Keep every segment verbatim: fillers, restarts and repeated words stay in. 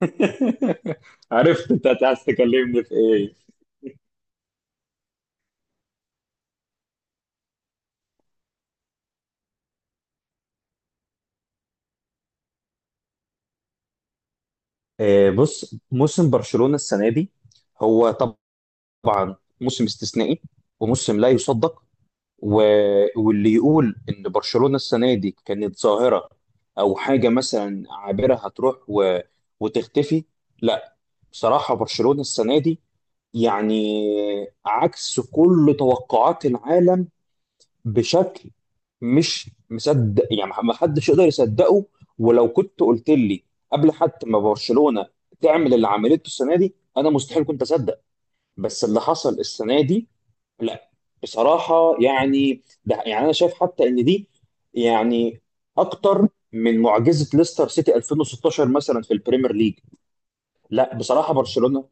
عرفت انت عايز تكلمني في ايه؟ آه، بص، موسم برشلونة السنة دي هو طبعا موسم استثنائي وموسم لا يصدق، و... واللي يقول ان برشلونة السنة دي كانت ظاهرة او حاجة مثلا عابرة هتروح و... وتختفي، لا. بصراحة برشلونة السنة دي يعني عكس كل توقعات العالم بشكل مش مصدق، يعني ما حدش يقدر يصدقه. ولو كنت قلت لي قبل حتى ما برشلونة تعمل اللي عملته السنة دي انا مستحيل كنت اصدق. بس اللي حصل السنة دي لا، بصراحة يعني ده يعني انا شايف حتى ان دي يعني اكتر من معجزة ليستر سيتي ألفين وستاشر مثلا في البريمير ليج. لا بصراحة برشلونة،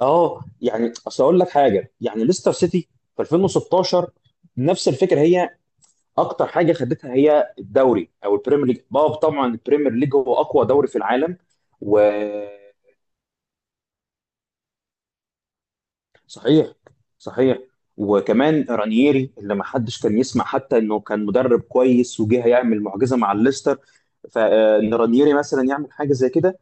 اه يعني اصل اقول لك حاجة، يعني ليستر سيتي في ألفين وستاشر نفس الفكره. هي اكتر حاجه خدتها هي الدوري او البريمير ليج، اه طبعا البريمير ليج هو اقوى دوري في العالم. وصحيح صحيح، وكمان رانييري اللي ما حدش كان يسمع حتى انه كان مدرب كويس وجه هيعمل معجزه مع الليستر، فان رانييري مثلا يعمل حاجه زي كده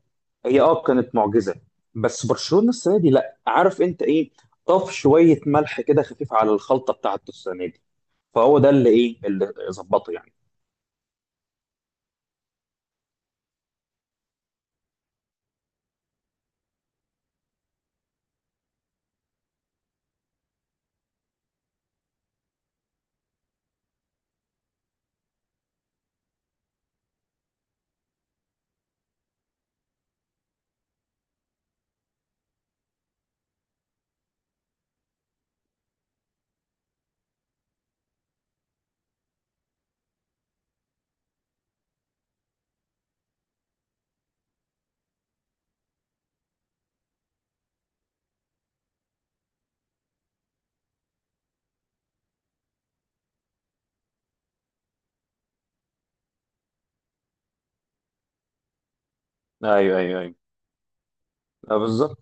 هي اه كانت معجزه. بس برشلونه السنه دي لا، عارف انت ايه؟ طف شويه ملح كده خفيف على الخلطه بتاعته السنه دي، فهو ده اللي ايه اللي ظبطه يعني. ايوه ايوه ايوه. آه، بالظبط.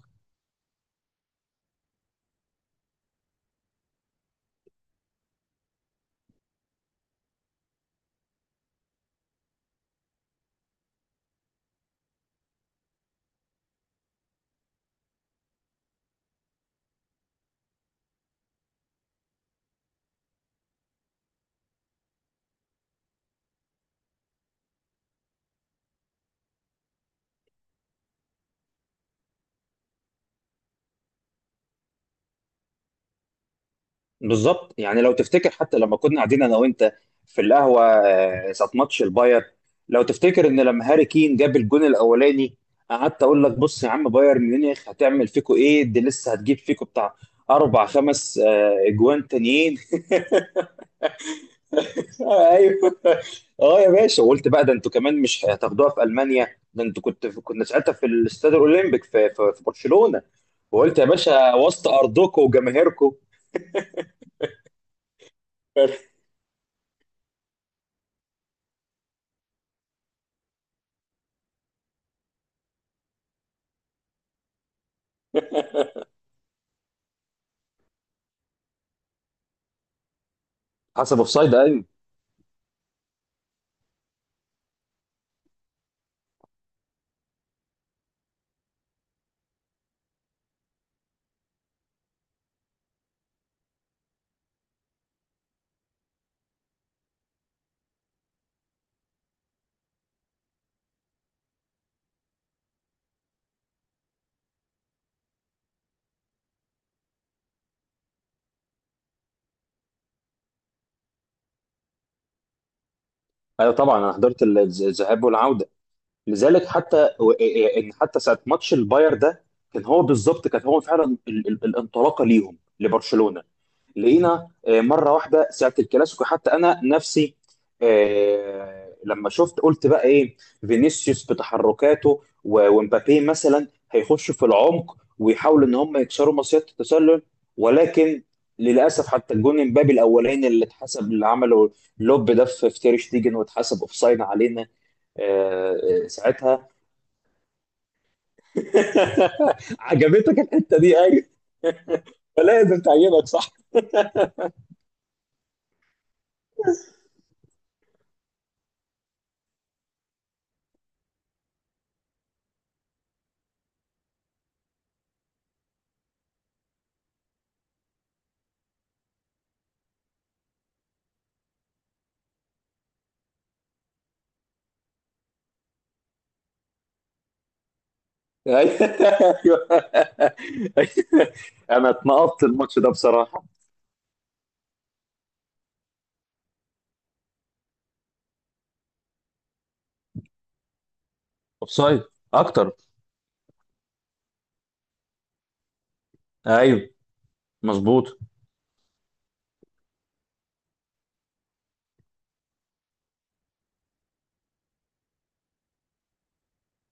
بالظبط، يعني لو تفتكر حتى لما كنا قاعدين انا وانت في القهوه آه، ساعه ماتش الباير، لو تفتكر ان لما هاري كين جاب الجون الاولاني قعدت اقول لك بص يا عم، بايرن ميونخ هتعمل فيكو ايه، دي لسه هتجيب فيكو بتاع اربع خمس آه، اجوان تانيين. ايوه. اه يا باشا، وقلت بقى ده انتوا كمان مش هتاخدوها في المانيا، ده انتوا كنت في، كنا ساعتها في الاستاد الاولمبيك في في في برشلونه. وقلت يا باشا وسط ارضكم وجماهيركم. حسب اوفسايد ايوه. ايوه طبعا انا حضرت ال- الذ- الذهاب والعوده، لذلك حتى و- إيه- ان حتى ساعه ماتش الباير ده، كان هو بالظبط، كان هو فعلا ال- ال- الانطلاقه ليهم لبرشلونه. لقينا آه، مره واحده ساعه الكلاسيكو، حتى انا نفسي آه، لما شفت قلت بقى ايه، فينيسيوس بتحركاته و- ومبابي مثلا هيخشوا في العمق ويحاولوا ان هم يكسروا مصيده التسلل، ولكن للاسف حتى الجون امبابي الاولاني اللي اتحسب، اللي عمله لوب ده في في تير شتيجن واتحسب اوفسايد علينا. آه، آه، ساعتها. عجبتك الحته دي؟ ايوه، فلازم تعجبك. ايوه. انا اتنقطت الماتش ده بصراحه. اوفسايد. اكتر. ايوه، مظبوط.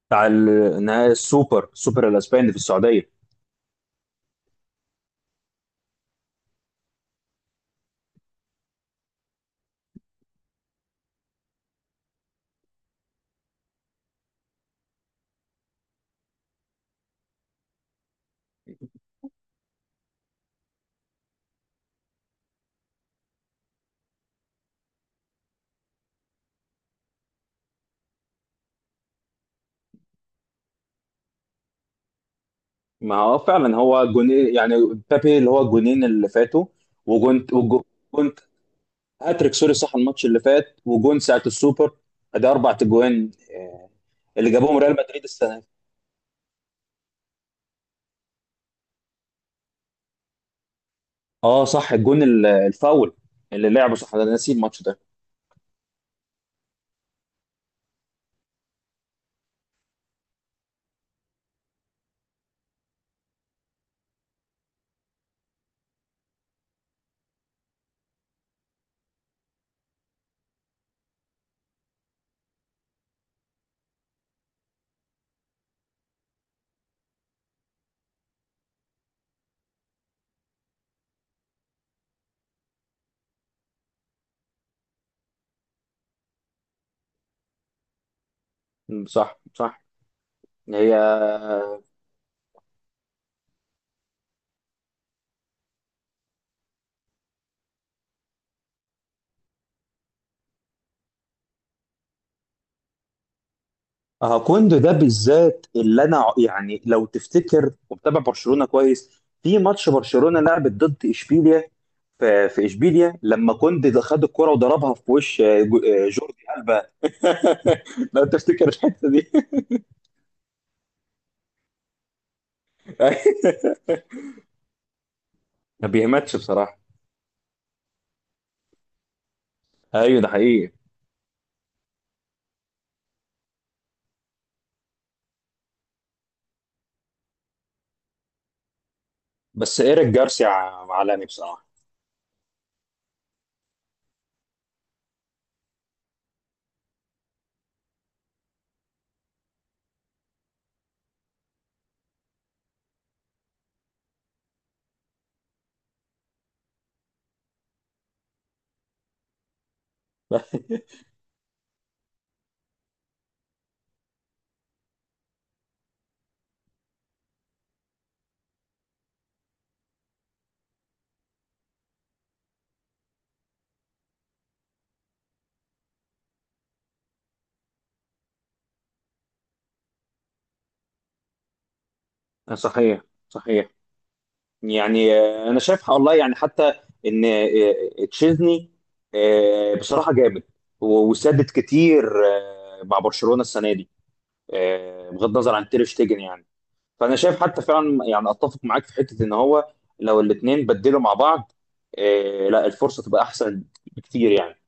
بتاع النهائي، السوبر، السوبر الاسباني في السعوديه. ما هو فعلا هو جونين يعني، بابي اللي هو الجونين اللي فاتوا، وجون، وجونت هاتريك. سوري، صح الماتش اللي فات وجون ساعه السوبر، ده اربع تجوان آه، اللي جابوهم ريال مدريد السنه دي. اه صح، الجون ال- الفاول اللي لعبه صح ده، أنا نسيت الماتش ده. م، صح صح. هي آه، كوندو ده بالذات اللي انا ع- يعني لو تفتكر ومتابع برشلونه كويس، في ماتش برشلونه لعبت ضد اشبيليا في في اشبيليا، لما كوندي ده خد الكرة وضربها في وش آه، جو- آه، جوردي ألبا. لو تفتكر الحته دي. ما بيهمتش بصراحه. ايوه ده حقيقي. بس ايريك جارسيا عالمي بصراحه. صحيح صحيح. يعني آه، انا شايف والله يعني حتى ان آه، تشيزني آه، بصراحه جامد، و- وسدد كتير آه، مع برشلونه السنه دي، آه، بغض النظر عن تير شتيجن يعني. فانا شايف حتى فعلا يعني اتفق معاك في حته ان هو لو الاثنين بدلوا مع بعض آه، لا الفرصه تبقى احسن بكتير يعني.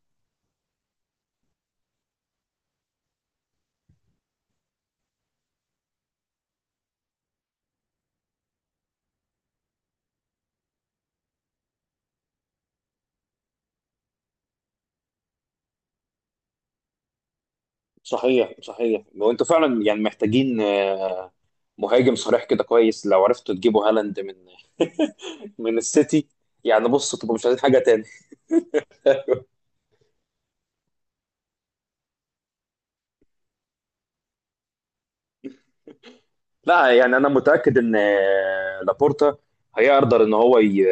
صحيح صحيح. وانتوا فعلا يعني محتاجين آه، مهاجم صريح كده كويس، لو عرفتوا تجيبوا هالاند من من السيتي، يعني بص تبقوا مش عايزين حاجه تاني. لا يعني انا متاكد ان آه، لابورتا هيقدر ان هو ي-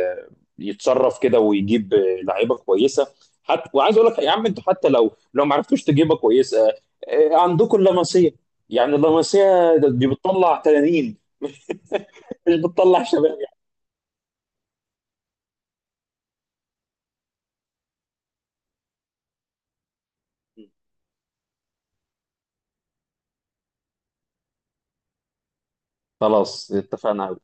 يتصرف كده ويجيب آه، لعيبه كويسه. حتى وعايز اقول لك يا عم انتوا حتى لو لو ما عرفتوش تجيبها كويسه، آه، آه، عندكم اللمسيه، يعني اللمسيه دي بتطلع تنانين، مش مش بتطلع شباب يعني. خلاص اتفقنا.